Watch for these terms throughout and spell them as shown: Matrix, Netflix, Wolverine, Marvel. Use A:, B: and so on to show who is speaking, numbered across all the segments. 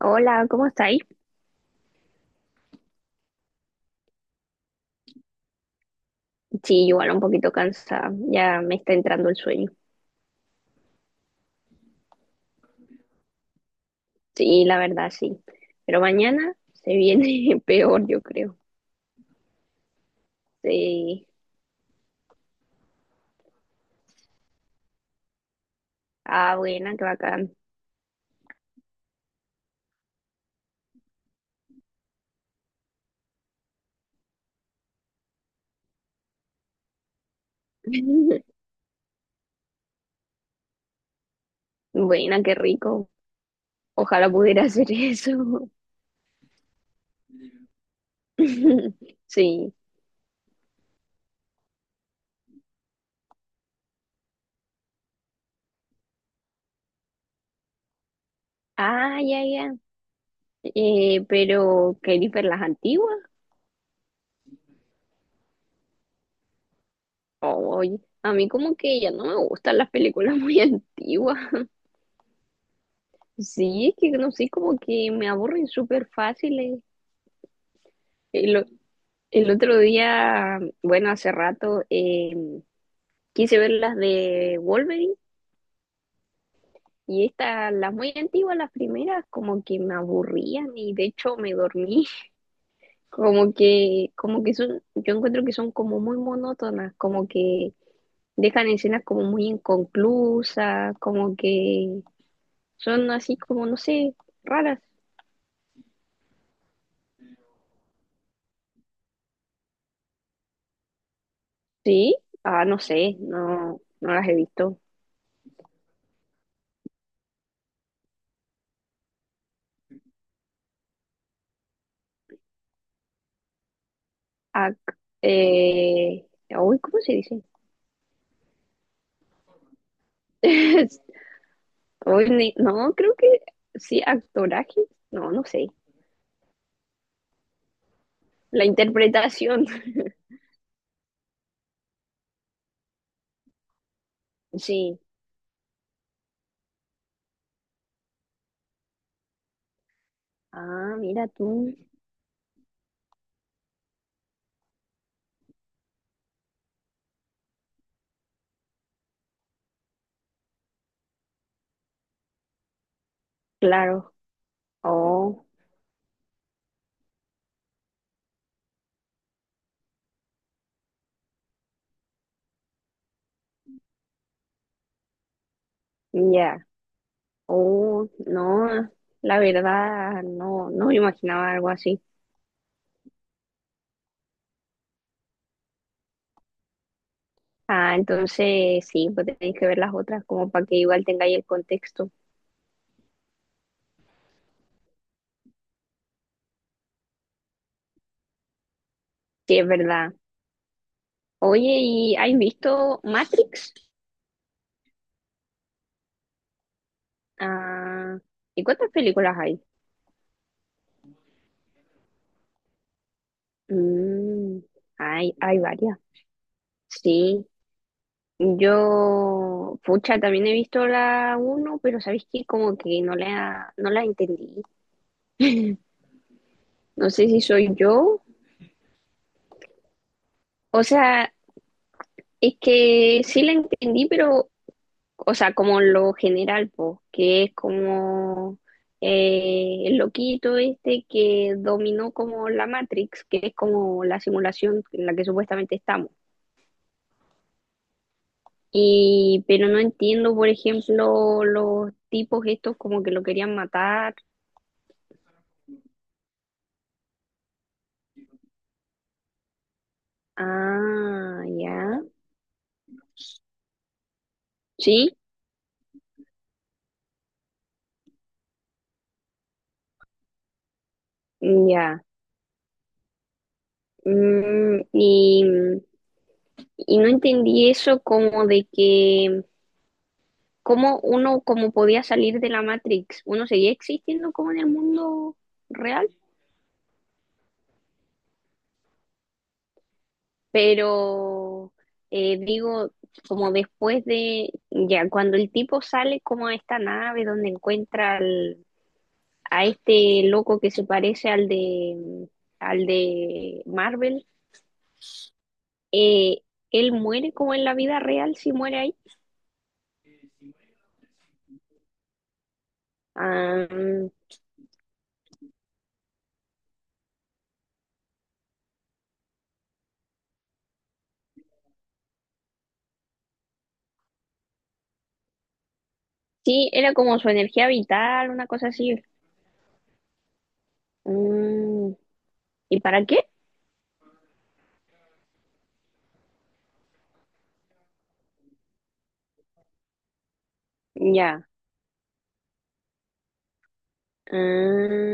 A: Hola, ¿cómo estáis? Sí, igual un poquito cansada, ya me está entrando el sueño. Sí, la verdad, sí. Pero mañana se viene peor, yo creo. Sí. Ah, buena, qué bacán. Buena, qué rico. Ojalá pudiera hacer eso. Sí. Ah, ya, ya. Pero, ¿qué ver las antiguas? Oye, a mí como que ya no me gustan las películas muy antiguas. Sí, es que no sé, como que me aburren súper fáciles. El otro día, bueno, hace rato, quise ver las de Wolverine y estas, las muy antiguas, las primeras, como que me aburrían y de hecho me dormí. Como que son, yo encuentro que son como muy monótonas, como que dejan escenas como muy inconclusas, como que son así como, no sé, raras. Sí, ah, no sé, no, no las he visto. Ac- eh, uy, ¿cómo se dice? Hoy ni- no, creo que sí, actoraje. No, no sé. La interpretación. Sí. Ah, mira tú. Claro. Oh, ya. Oh, no. La verdad, no, no me imaginaba algo así. Ah, entonces sí, pues tenéis que ver las otras como para que igual tengáis el contexto. Sí, es verdad. Oye, ¿y has visto Matrix? Ah, ¿y cuántas películas hay? Mm, hay varias. Sí. Yo, pucha, también he visto la uno, pero sabéis que como que no la entendí. No sé si soy yo. O sea, es que sí la entendí, pero, o sea, como lo general, pues, que es como el loquito este que dominó como la Matrix, que es como la simulación en la que supuestamente estamos. Y, pero no entiendo, por ejemplo, los tipos estos como que lo querían matar. Ah, ya. Sí, mm, ya. Mm, y no entendí eso como de que, cómo uno como podía salir de la Matrix, uno seguía existiendo como en el mundo real, pero digo, como después de, ya, cuando el tipo sale como a esta nave donde encuentra a este loco que se parece al de Marvel, eh, él muere como en la vida real si muere ahí. Ah, mm, sí, era como su energía vital, una cosa así. Mm, ¿y para qué? Ya. Ah,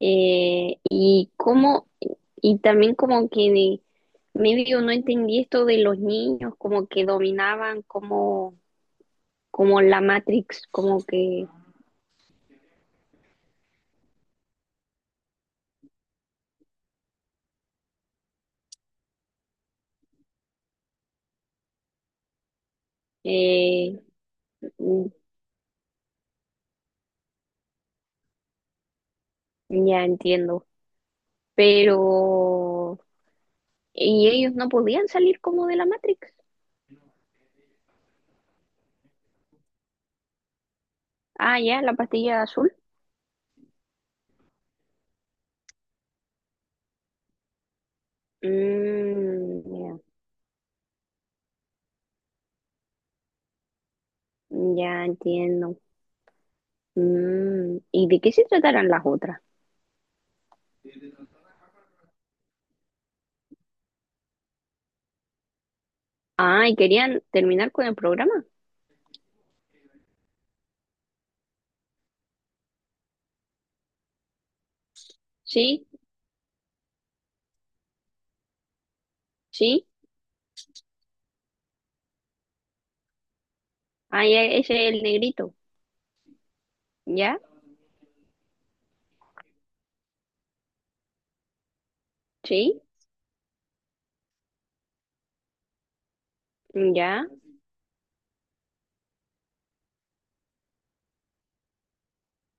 A: eh, y cómo, y también como que medio no entendí esto de los niños, como que dominaban como, como la Matrix, como que eh, mm, ya entiendo. Pero, ¿y ellos no podían salir como de la Matrix? Ah, ya, la pastilla azul. Mm, ya. Ya entiendo. Mm, ¿y de qué se tratarán las otras? Ah, ¿y querían terminar con el programa? Sí, sí. Ah, ya, ese es el negrito. ¿Ya? Sí, ya.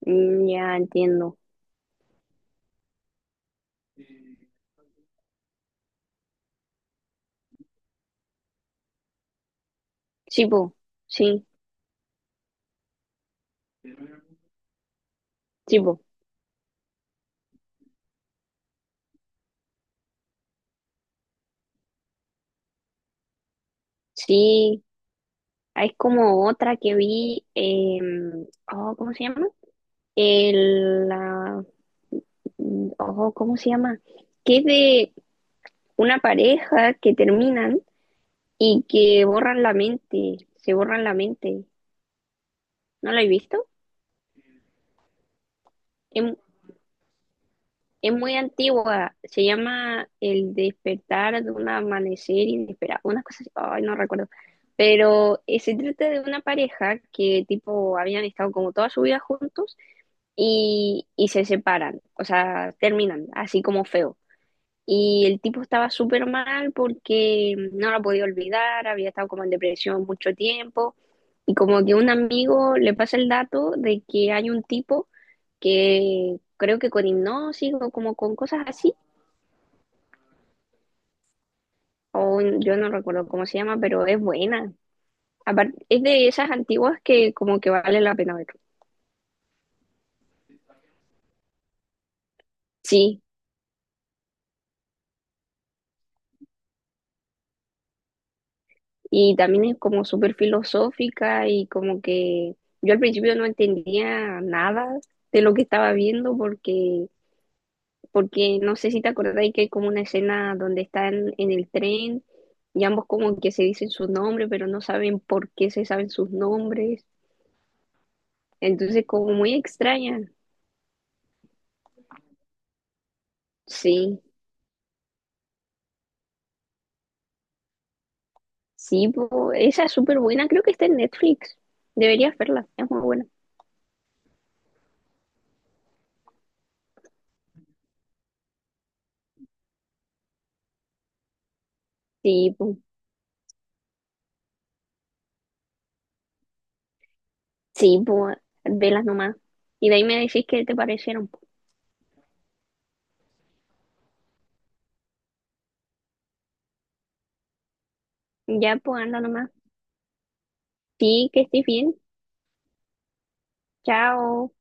A: Mm, ya entiendo. Sí, po. Sí, sí, po. Sí. Ah, es como otra que vi. Oh, ¿cómo se llama? El, la- mm, oh, ¿cómo se llama? Que es de una pareja que terminan y que borran la mente, se borran la mente. ¿No la he visto? Es, es muy antigua, se llama El despertar de un amanecer inesperado, unas cosas, ay, no recuerdo. Pero se trata de una pareja que tipo habían estado como toda su vida juntos y se separan, o sea, terminan, así como feo. Y el tipo estaba súper mal porque no lo podía olvidar, había estado como en depresión mucho tiempo. Y como que un amigo le pasa el dato de que hay un tipo que creo que con hipnosis o como con cosas así, o yo no recuerdo cómo se llama, pero es buena. Aparte, es de esas antiguas que como que vale la pena ver. Sí, y también es como súper filosófica y como que yo al principio no entendía nada de lo que estaba viendo porque no sé si te acordáis que hay como una escena donde están en el tren y ambos como que se dicen sus nombres, pero no saben por qué se saben sus nombres. Entonces, como muy extraña. Sí, sí, po, esa es súper buena, creo que está en Netflix. Deberías verla, es muy buena. Sí, po, sí, po, velas nomás. Y de ahí me decís qué te parecieron. Po. Ya, pues anda nomás. Sí, que estés bien. Chao.